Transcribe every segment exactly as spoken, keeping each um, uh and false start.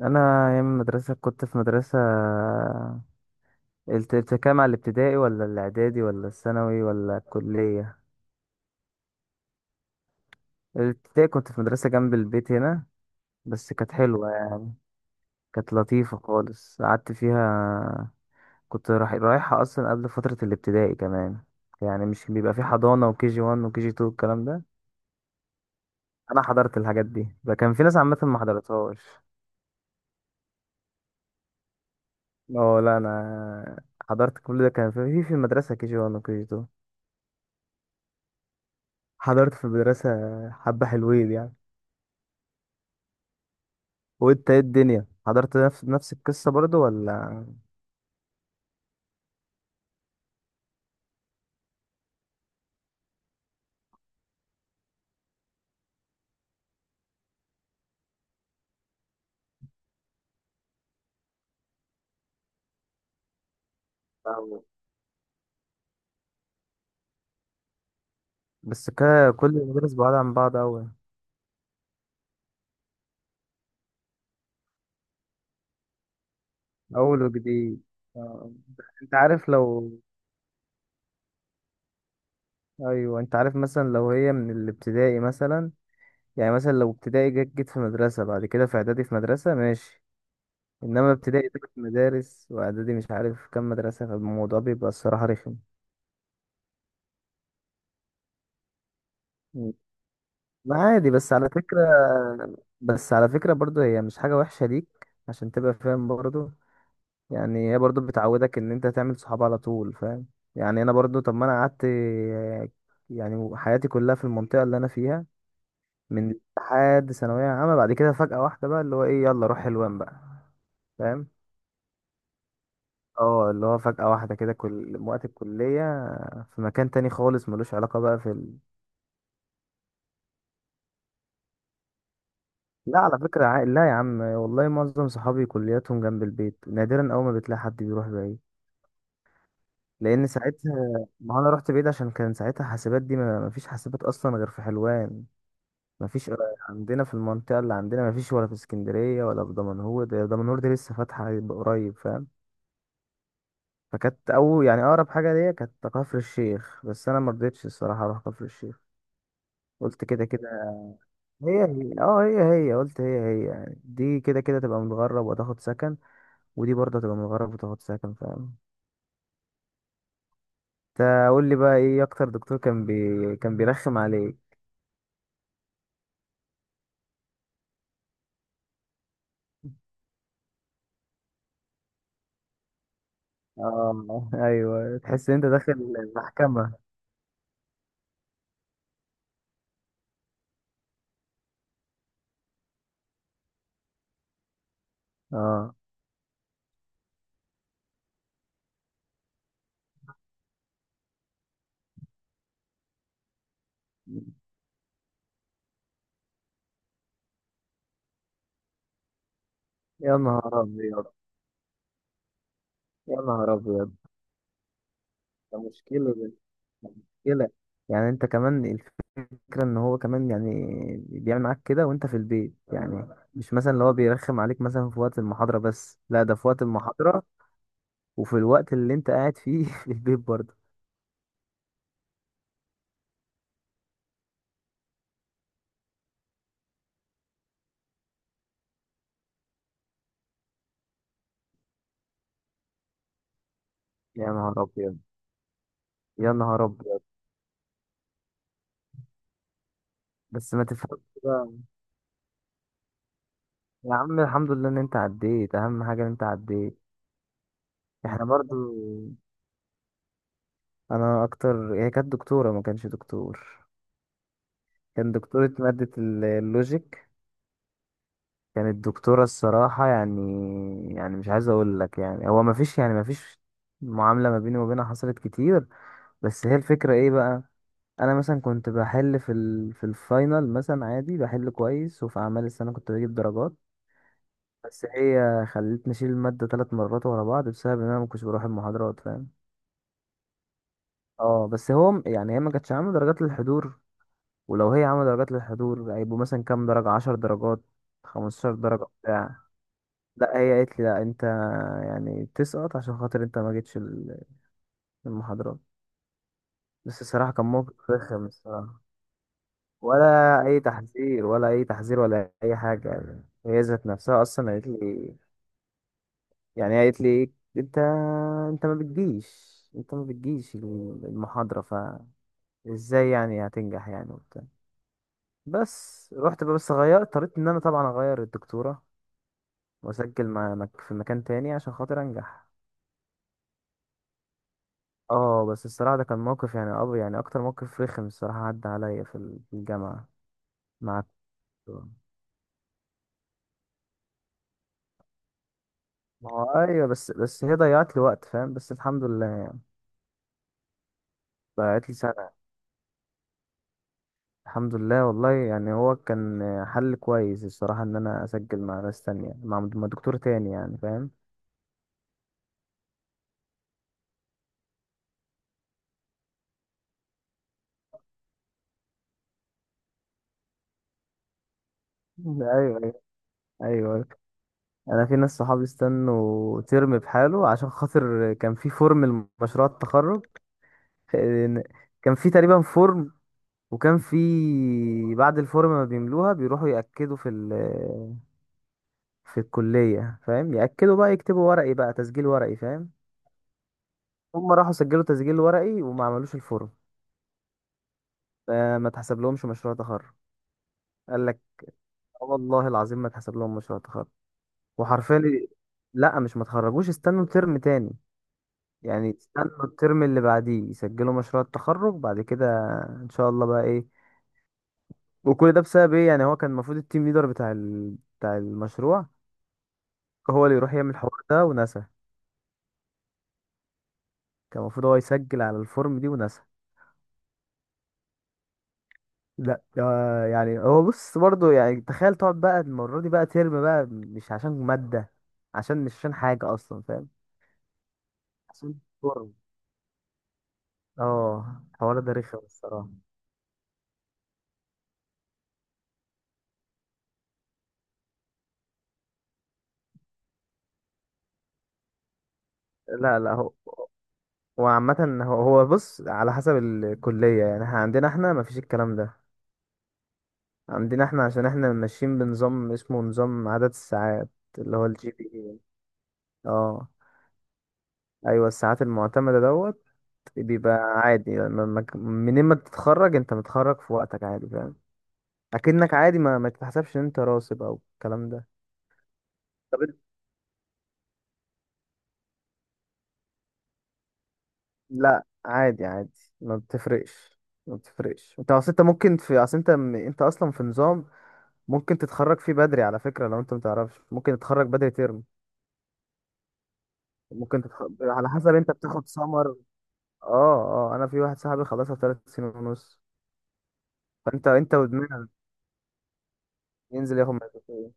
انا ايام المدرسه كنت في مدرسه. الت- التكام على الابتدائي، ولا الاعدادي، ولا الثانوي، ولا الكليه؟ الابتدائي كنت في مدرسه جنب البيت هنا. بس كانت حلوه يعني. كانت لطيفه خالص، قعدت فيها. كنت رايح رايحها اصلا قبل فتره الابتدائي كمان. يعني مش بيبقى في حضانه وكي جي واحد وكي جي اتنين الكلام ده. انا حضرت الحاجات دي، ده كان في ناس عامه ما حضرتهاش. اه لا انا حضرت كل ده، كان في في في المدرسه كي جي واحد وكي جي اتنين. حضرت في مدرسة حبة حلوين يعني. وانت ايه الدنيا؟ حضرت نفس نفس القصة برضو ولا؟ أو- بس كا- كل المدارس بعاد عن بعض أوي. أول وجديد. آه، أنت عارف لو، أيوة أنت عارف مثلا لو هي من الابتدائي مثلا، يعني مثلا لو ابتدائي جت جيت في مدرسة، بعد كده في إعدادي في مدرسة، ماشي. إنما ابتدائي تلات مدارس، وإعدادي مش عارف كام مدرسة، فالموضوع بيبقى الصراحة رخم. ما عادي، بس على فكرة، بس على فكرة برضو هي مش حاجة وحشة ليك، عشان تبقى فاهم برضو. يعني هي برضو بتعودك ان انت تعمل صحاب على طول، فاهم؟ يعني انا برضو، طب ما انا قعدت، يعني حياتي كلها في المنطقة اللي انا فيها من لحد ثانوية عامة. بعد كده فجأة واحدة بقى، اللي هو ايه، يلا روح حلوان بقى. فاهم؟ اه، اللي هو فجأة واحدة كده كل وقت الكلية في مكان تاني خالص، ملوش علاقة بقى في. لا على فكرة، عا- لا يا عم والله، معظم صحابي كلياتهم جنب البيت، نادرا أول ما بتلاقي حد بيروح بعيد. لأن ساعتها ما أنا رحت بعيد عشان كان ساعتها حاسبات دي، ما ما فيش حاسبات أصلا غير في حلوان. ما فيش عندنا في المنطقة اللي عندنا، ما فيش، ولا في اسكندرية ولا في دمنهور، ده دمنهور دي لسه فاتحة قريب فاهم. فكانت أول يعني أقرب حاجة ليا كانت كفر الشيخ، بس أنا مرضتش الصراحة أروح كفر الشيخ. قلت كده كده، هي هي اه هي هي قلت هي هي يعني، دي كده كده تبقى متغرب وتاخد سكن، ودي برضه هتبقى من الغرب وتاخد سكن، فاهم؟ انت قول لي بقى ايه اكتر دكتور كان بي... كان بيرخم عليك. اه ايوه، تحس ان انت داخل المحكمة. اه. يا نهار ابيض، يا نهار ابيض. ده مشكلة ده، ده مشكلة. يعني انت كمان، الفكرة ان هو كمان يعني بيعمل معاك كده وانت في البيت يعني. مش مثلا اللي هو بيرخم عليك مثلا في وقت المحاضرة بس، لا ده في وقت المحاضرة وفي الوقت اللي انت قاعد فيه في البيت برضه. يا نهار ابيض، يا نهار ابيض. بس ما تفهمش بقى. يا عم الحمد لله ان انت عديت، اهم حاجة ان انت عديت. احنا برضو انا اكتر هي كانت دكتورة، ما كانش دكتور. كان دكتورة مادة ال- اللوجيك. كانت دكتورة الصراحة يعني، يعني مش عايز اقول لك يعني هو ما فيش يعني، ما فيش معاملة ما بيني وبينها حصلت كتير. بس هي الفكرة ايه بقى، انا مثلا كنت بحل في ال... في الفاينل مثلا، عادي بحل كويس، وفي اعمال السنة كنت بجيب درجات. بس هي خلتني اشيل الماده ثلاث مرات ورا بعض، بسبب ان انا ما كنتش بروح المحاضرات فاهم. اه بس هو م- يعني هي ما كانتش عامله درجات للحضور. ولو هي عامله درجات للحضور، هيبقوا مثلا كام درجه، عشر درجات، خمستاشر درجه بتاع. لا هي قالت لي لا انت يعني تسقط عشان خاطر انت ما جيتش ال- المحاضرات. بس الصراحه كان موقف رخم الصراحه. ولا اي تحذير، ولا اي تحذير، ولا اي حاجه. يعني هي ذات نفسها اصلا قالت لي، يعني قالت لي إيه، انت، انت ما بتجيش انت ما بتجيش المحاضرة، فازاي يعني هتنجح يعني وبتاع. بس رحت بقى، بس غيرت، اضطريت ان انا طبعا اغير الدكتورة، واسجل مع- مك- في مكان تاني عشان خاطر انجح. اه بس الصراحة ده كان موقف يعني اب يعني اكتر موقف رخم الصراحة عدى عليا في ال- في الجامعة. مع الدكتورة. ما هو ايوه، بس بس هي ضيعت لي وقت فاهم، بس الحمد لله يعني. ضيعت لي سنة. الحمد لله والله. يعني هو كان حل كويس الصراحة، إن أنا أسجل مع ناس تانية، مع مع دكتور تاني يعني فاهم. مم. أيوه أيوه. أيوه أيوه، أنا في ناس صحابي استنوا ترم بحاله، عشان خاطر كان في فورم لمشروع التخرج. إن- كان في تقريبا فورم، وكان في، بعد الفورم ما بيملوها بيروحوا يأكدوا في ال في الكلية فاهم. يأكدوا بقى، يكتبوا ورقي بقى، تسجيل ورقي فاهم. هم راحوا سجلوا تسجيل ورقي وما عملوش الفورم. فما اتحسب لهمش مشروع تخرج. قال. اه والله العظيم ما اتحسب لهم مشروع تخرج. وحرفيا، لا مش ما تخرجوش، استنوا ترم تاني. يعني استنوا الترم اللي بعديه يسجلوا مشروع التخرج بعد كده ان شاء الله بقى ايه. وكل ده بسبب ايه؟ يعني هو كان المفروض التيم ليدر بتاع ال... بتاع المشروع هو اللي يروح يعمل الحوار ده ونسى. كان المفروض هو يسجل على الفورم دي ونسى. لا آه، يعني هو بص برضه، يعني تخيل تقعد بقى المرة دي بقى ترم بقى مش عشان مادة، عشان مش عشان حاجة أصلا فاهم، عشان فورم. اه الحوار ده رخم الصراحة. لا لا، هو، هو عامة، هو هو بص على حسب الكلية. يعني احنا عندنا، احنا مفيش الكلام ده عندنا. احنا عشان احنا ماشيين بنظام، اسمه نظام عدد الساعات، اللي هو الجي بي اي. اه ايوه الساعات المعتمدة دوت. بيبقى عادي يعني ما- ما- منين ما تتخرج انت متخرج في وقتك عادي فاهم. اكنك عادي، ما ما تتحسبش ان انت راسب او الكلام ده. طب انت- لا عادي عادي، ما بتفرقش، ما بتفرقش. انت اصل انت ممكن في، اصل انت م- انت اصلا في نظام ممكن تتخرج فيه بدري على فكرة، لو انت متعرفش ممكن تتخرج بدري ترم. ممكن تتخ... على حسب انت بتاخد سمر. اه اه انا في واحد صاحبي خلصها في ثلاث سنين ونص. فانت انت ودماغك. ينزل ياخد مادتين.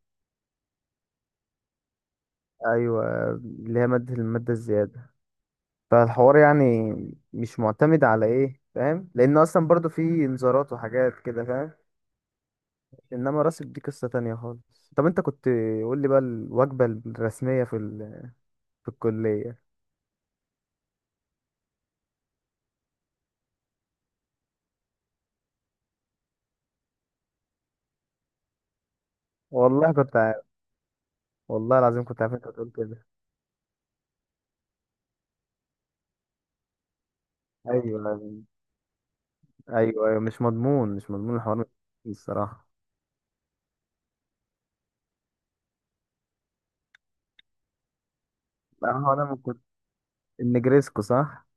ايوه اللي هي مادة، المادة الزيادة. فالحوار يعني مش معتمد على ايه فاهم، لان اصلا برضو في انذارات وحاجات كده فاهم. انما راسب دي قصة تانية خالص. طب انت كنت، قول لي بقى الوجبة الرسمية في ال... في الكلية. والله كنت عارف، والله العظيم كنت عارف انت هتقول كده. ايوه ايوه. ايوه مش مضمون، مش مضمون الحوار، مش مضمون الصراحه. لا هو انا ما كنت، النجريسكو صح.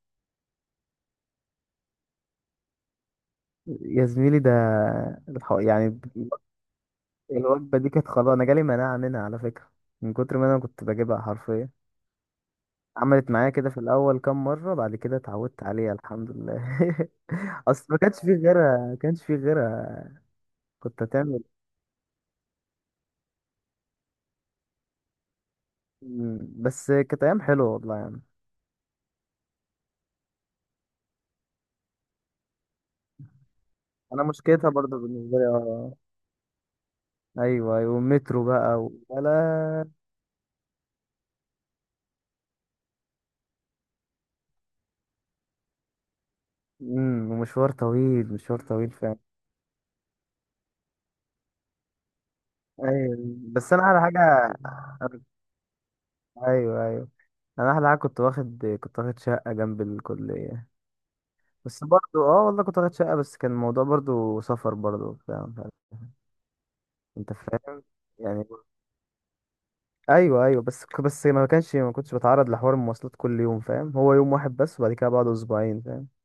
يا زميلي ده، الح- يعني الوجبه دي كانت خلاص انا جالي مناعه منها على فكره، من كتر ما انا كنت بجيبها حرفيا. عملت معايا كده في الاول كام مره، بعد كده اتعودت عليها الحمد لله اصل ما كانش فيه غيرها، ما كانش فيه غيرها. كنت هتعمل. مم. بس كانت ايام حلوه والله يعني. انا مشكلتها برضه بالنسبه لي اه. ايوه ايوه، المترو بقى ولا؟ امم، ومشوار طويل، مشوار طويل فعلا. ايوه بس انا على حاجه، ايوه ايوه، انا احلى حاجه كنت واخد، كنت واخد شقه جنب الكليه. بس برضو اه والله كنت واخد شقه، بس كان الموضوع برضو سفر برضو فاهم. انت فاهم يعني. ايوه ايوه، بس بس ما كانش ما كنتش بتعرض لحوار المواصلات كل يوم فاهم. هو يوم واحد بس، وبعد كده بعده اسبوعين فاهم.